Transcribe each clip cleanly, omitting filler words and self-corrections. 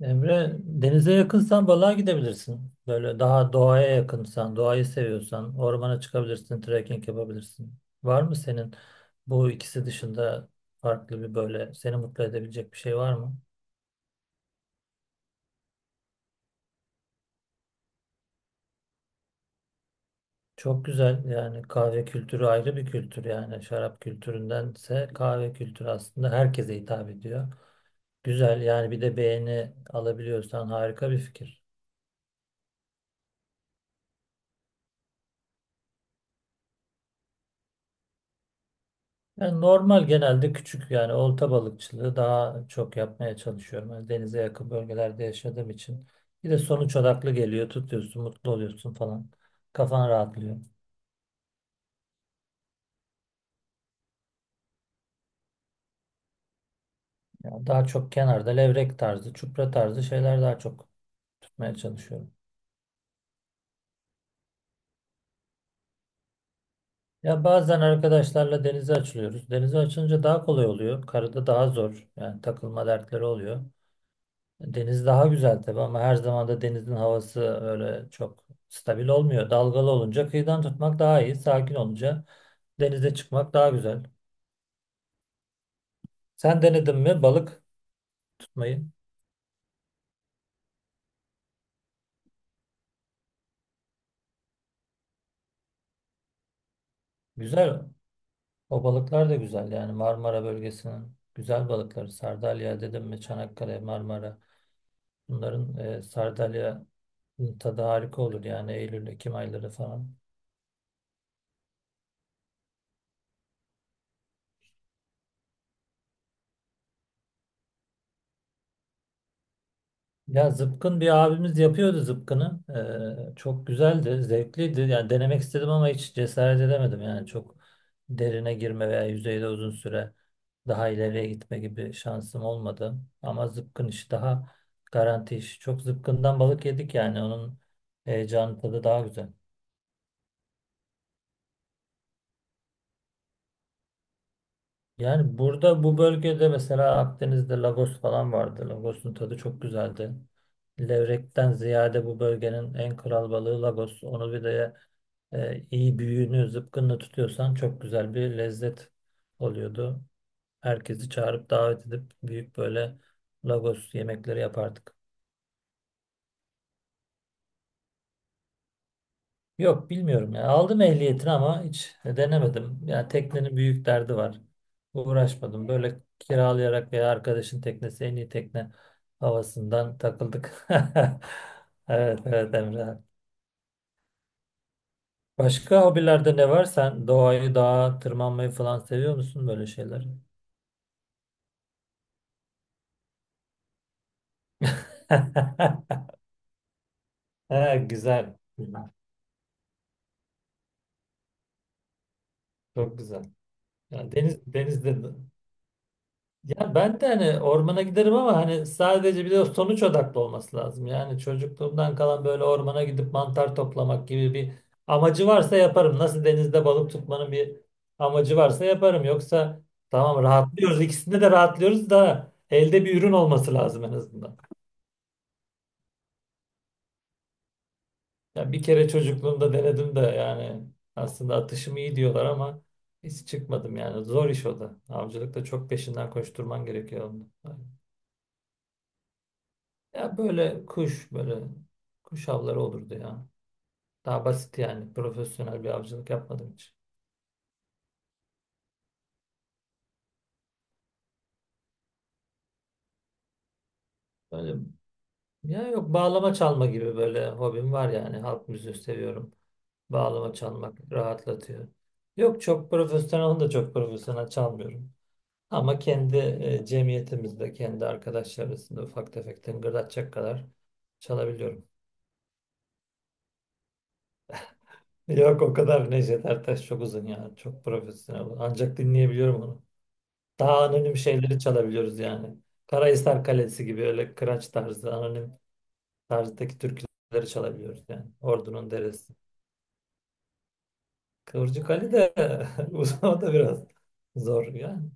Emre, denize yakınsan balığa gidebilirsin. Böyle daha doğaya yakınsan, doğayı seviyorsan ormana çıkabilirsin, trekking yapabilirsin. Var mı senin bu ikisi dışında farklı bir böyle seni mutlu edebilecek bir şey var mı? Çok güzel yani kahve kültürü ayrı bir kültür, yani şarap kültüründense kahve kültürü aslında herkese hitap ediyor. Güzel yani, bir de beğeni alabiliyorsan harika bir fikir. Yani normal genelde küçük, yani olta balıkçılığı daha çok yapmaya çalışıyorum. Yani denize yakın bölgelerde yaşadığım için. Bir de sonuç odaklı geliyor. Tutuyorsun, mutlu oluyorsun falan. Kafan rahatlıyor. Ya daha çok kenarda levrek tarzı, çupra tarzı şeyler daha çok tutmaya çalışıyorum. Ya bazen arkadaşlarla denize açılıyoruz. Denize açılınca daha kolay oluyor. Karada daha zor. Yani takılma dertleri oluyor. Deniz daha güzel tabii ama her zaman da denizin havası öyle çok stabil olmuyor. Dalgalı olunca kıyıdan tutmak daha iyi. Sakin olunca denize çıkmak daha güzel. Sen denedin mi balık tutmayı? Güzel. O balıklar da güzel yani, Marmara bölgesinin güzel balıkları. Sardalya dedim mi Çanakkale, Marmara. Bunların Sardalya'nın tadı harika olur yani, Eylül, Ekim ayları falan. Ya zıpkın, bir abimiz yapıyordu zıpkını. Çok güzeldi, zevkliydi. Yani denemek istedim ama hiç cesaret edemedim. Yani çok derine girme veya yüzeyde uzun süre daha ileriye gitme gibi şansım olmadı. Ama zıpkın işi daha garanti iş. Çok zıpkından balık yedik yani, onun heyecanı tadı daha güzel. Yani burada bu bölgede mesela Akdeniz'de Lagos falan vardı. Lagos'un tadı çok güzeldi. Levrek'ten ziyade bu bölgenin en kral balığı Lagos. Onu bir de iyi büyüğünü zıpkınla tutuyorsan çok güzel bir lezzet oluyordu. Herkesi çağırıp davet edip büyük böyle Lagos yemekleri yapardık. Yok bilmiyorum ya. Aldım ehliyetini ama hiç denemedim. Yani teknenin büyük derdi var. Uğraşmadım. Böyle kiralayarak veya arkadaşın teknesi en iyi tekne havasından takıldık. Evet evet Emre. Başka hobilerde ne var? Sen doğayı, dağa tırmanmayı falan seviyor musun böyle şeyler? Ha, güzel. Çok güzel. Ya deniz, denizde ya, ben de hani ormana giderim ama hani sadece, bir de sonuç odaklı olması lazım. Yani çocukluğumdan kalan böyle ormana gidip mantar toplamak gibi bir amacı varsa yaparım. Nasıl denizde balık tutmanın bir amacı varsa yaparım. Yoksa tamam, rahatlıyoruz. İkisinde de rahatlıyoruz da elde bir ürün olması lazım en azından. Ya bir kere çocukluğumda denedim de yani aslında atışım iyi diyorlar ama hiç çıkmadım yani. Zor iş o da. Avcılıkta çok peşinden koşturman gerekiyor onun. Ya böyle kuş, böyle kuş avları olurdu ya. Daha basit yani. Profesyonel bir avcılık yapmadım hiç. Böyle ya, yok, bağlama çalma gibi böyle hobim var yani. Halk müziği seviyorum. Bağlama çalmak rahatlatıyor. Yok çok profesyonel, onu da çok profesyonel çalmıyorum. Ama kendi cemiyetimizde, kendi arkadaşlar arasında ufak tefek tıngırdatacak kadar çalabiliyorum. Yok o kadar Necdet Ertaş çok uzun ya. Çok profesyonel. Ancak dinleyebiliyorum onu. Daha anonim şeyleri çalabiliyoruz yani. Karahisar Kalesi gibi öyle kıraç tarzı, anonim tarzdaki türküleri çalabiliyoruz yani. Ordunun Deresi. Kıvırcık Ali de uzun, o da biraz zor yani.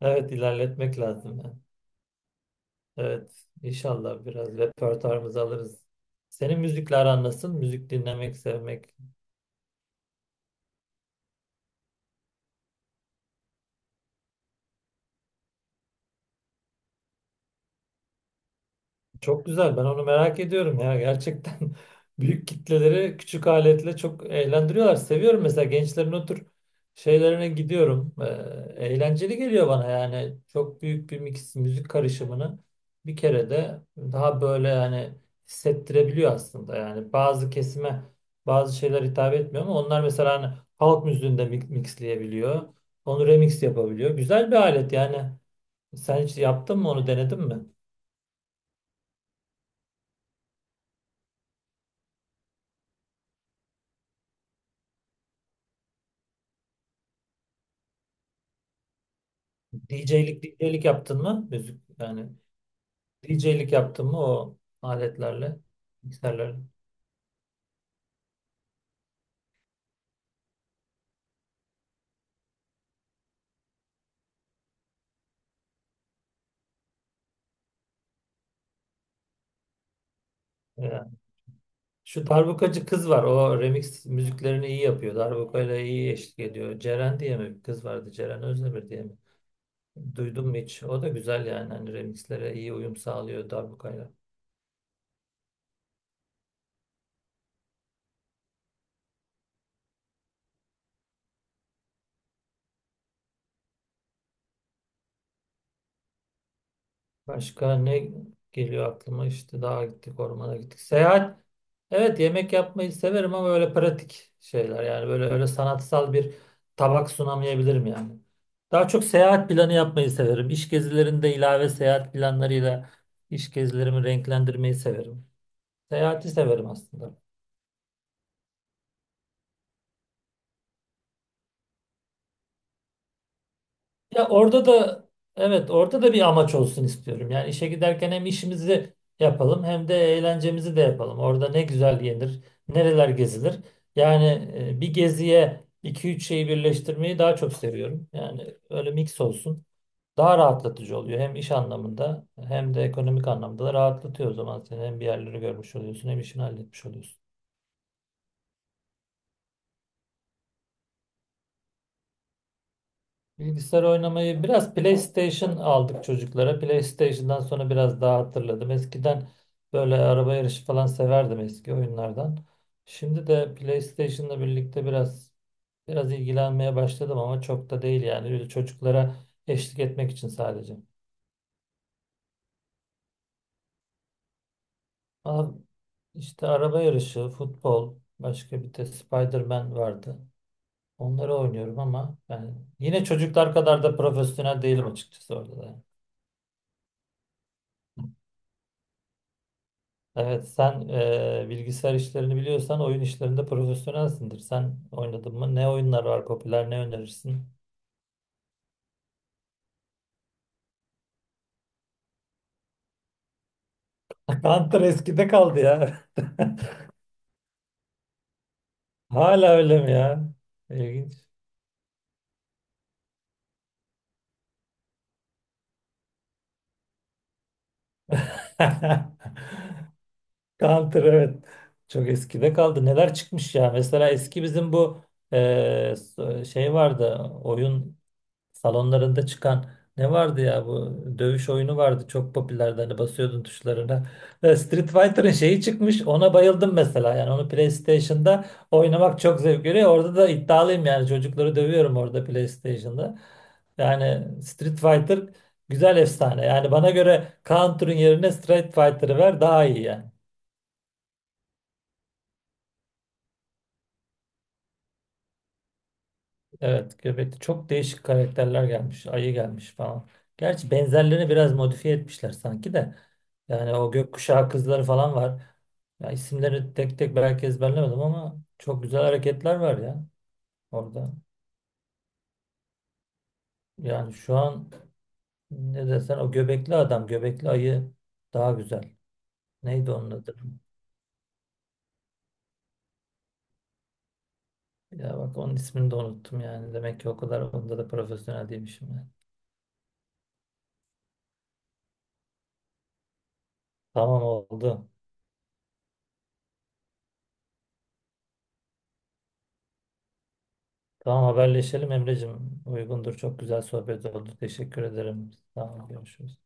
Evet, ilerletmek lazım yani. Evet, inşallah biraz repertuarımızı alırız. Senin müzikle aran nasıl? Müzik dinlemek, sevmek. Çok güzel. Ben onu merak ediyorum ya. Gerçekten büyük kitleleri küçük aletle çok eğlendiriyorlar. Seviyorum mesela gençlerin o tür şeylerine gidiyorum. Eğlenceli geliyor bana yani. Çok büyük bir mix, müzik karışımını bir kere de daha böyle yani hissettirebiliyor aslında. Yani bazı kesime bazı şeyler hitap etmiyor ama onlar mesela hani halk müziğinde mixleyebiliyor. Onu remix yapabiliyor. Güzel bir alet yani. Sen hiç yaptın mı, onu denedin mi? DJ'lik yaptın mı? Müzik yani DJ'lik yaptın mı o aletlerle, mikserlerle? Yani şu darbukacı kız var. O remix müziklerini iyi yapıyor. Darbukayla iyi eşlik ediyor. Ceren diye mi bir kız vardı? Ceren Özdemir diye mi? Duydum mu hiç? O da güzel yani. Hani remixlere iyi uyum sağlıyor darbukayla. Başka ne geliyor aklıma? İşte dağa gittik, ormana gittik. Seyahat. Evet yemek yapmayı severim ama öyle pratik şeyler. Yani böyle öyle sanatsal bir tabak sunamayabilirim yani. Daha çok seyahat planı yapmayı severim. İş gezilerinde ilave seyahat planlarıyla iş gezilerimi renklendirmeyi severim. Seyahati severim aslında. Ya orada da, evet orada da bir amaç olsun istiyorum. Yani işe giderken hem işimizi yapalım hem de eğlencemizi de yapalım. Orada ne güzel yenir, nereler gezilir. Yani bir geziye iki üç şeyi birleştirmeyi daha çok seviyorum. Yani öyle mix olsun. Daha rahatlatıcı oluyor, hem iş anlamında hem de ekonomik anlamda da rahatlatıyor o zaman seni. Hem bir yerleri görmüş oluyorsun hem işini halletmiş oluyorsun. Bilgisayar oynamayı, biraz PlayStation aldık çocuklara. PlayStation'dan sonra biraz daha hatırladım. Eskiden böyle araba yarışı falan severdim eski oyunlardan. Şimdi de PlayStation'la birlikte biraz ilgilenmeye başladım ama çok da değil yani. Öyle çocuklara eşlik etmek için sadece. Ama işte araba yarışı, futbol, başka bir de Spider-Man vardı. Onları oynuyorum ama yani yine çocuklar kadar da profesyonel değilim açıkçası orada da yani. Evet, sen bilgisayar işlerini biliyorsan oyun işlerinde profesyonelsindir. Sen oynadın mı? Ne oyunlar var popüler? Ne önerirsin? Counter eskide kaldı ya. Hala öyle mi ya? İlginç. Counter evet. Çok eskide kaldı. Neler çıkmış ya? Mesela eski bizim bu e, şey vardı. Oyun salonlarında çıkan ne vardı ya, bu dövüş oyunu vardı çok popülerdi, hani basıyordun tuşlarına. Street Fighter'ın şeyi çıkmış, ona bayıldım mesela yani onu PlayStation'da oynamak çok zevk veriyor. Orada da iddialıyım yani, çocukları dövüyorum orada PlayStation'da. Yani Street Fighter güzel, efsane yani bana göre Counter'ın yerine Street Fighter'ı ver daha iyi yani. Evet, Göbek'te çok değişik karakterler gelmiş, ayı gelmiş falan. Gerçi benzerlerini biraz modifiye etmişler sanki de. Yani o gökkuşağı kızları falan var. Ya isimleri tek tek belki ezberlemedim ama çok güzel hareketler var ya orada. Yani şu an ne desen o göbekli adam, göbekli ayı daha güzel. Neydi onun adı? Ya bak onun ismini de unuttum yani. Demek ki o kadar onda da profesyonel değilmişim yani. Tamam oldu. Tamam haberleşelim Emre'cim. Uygundur. Çok güzel sohbet oldu. Teşekkür ederim. Tamam görüşürüz.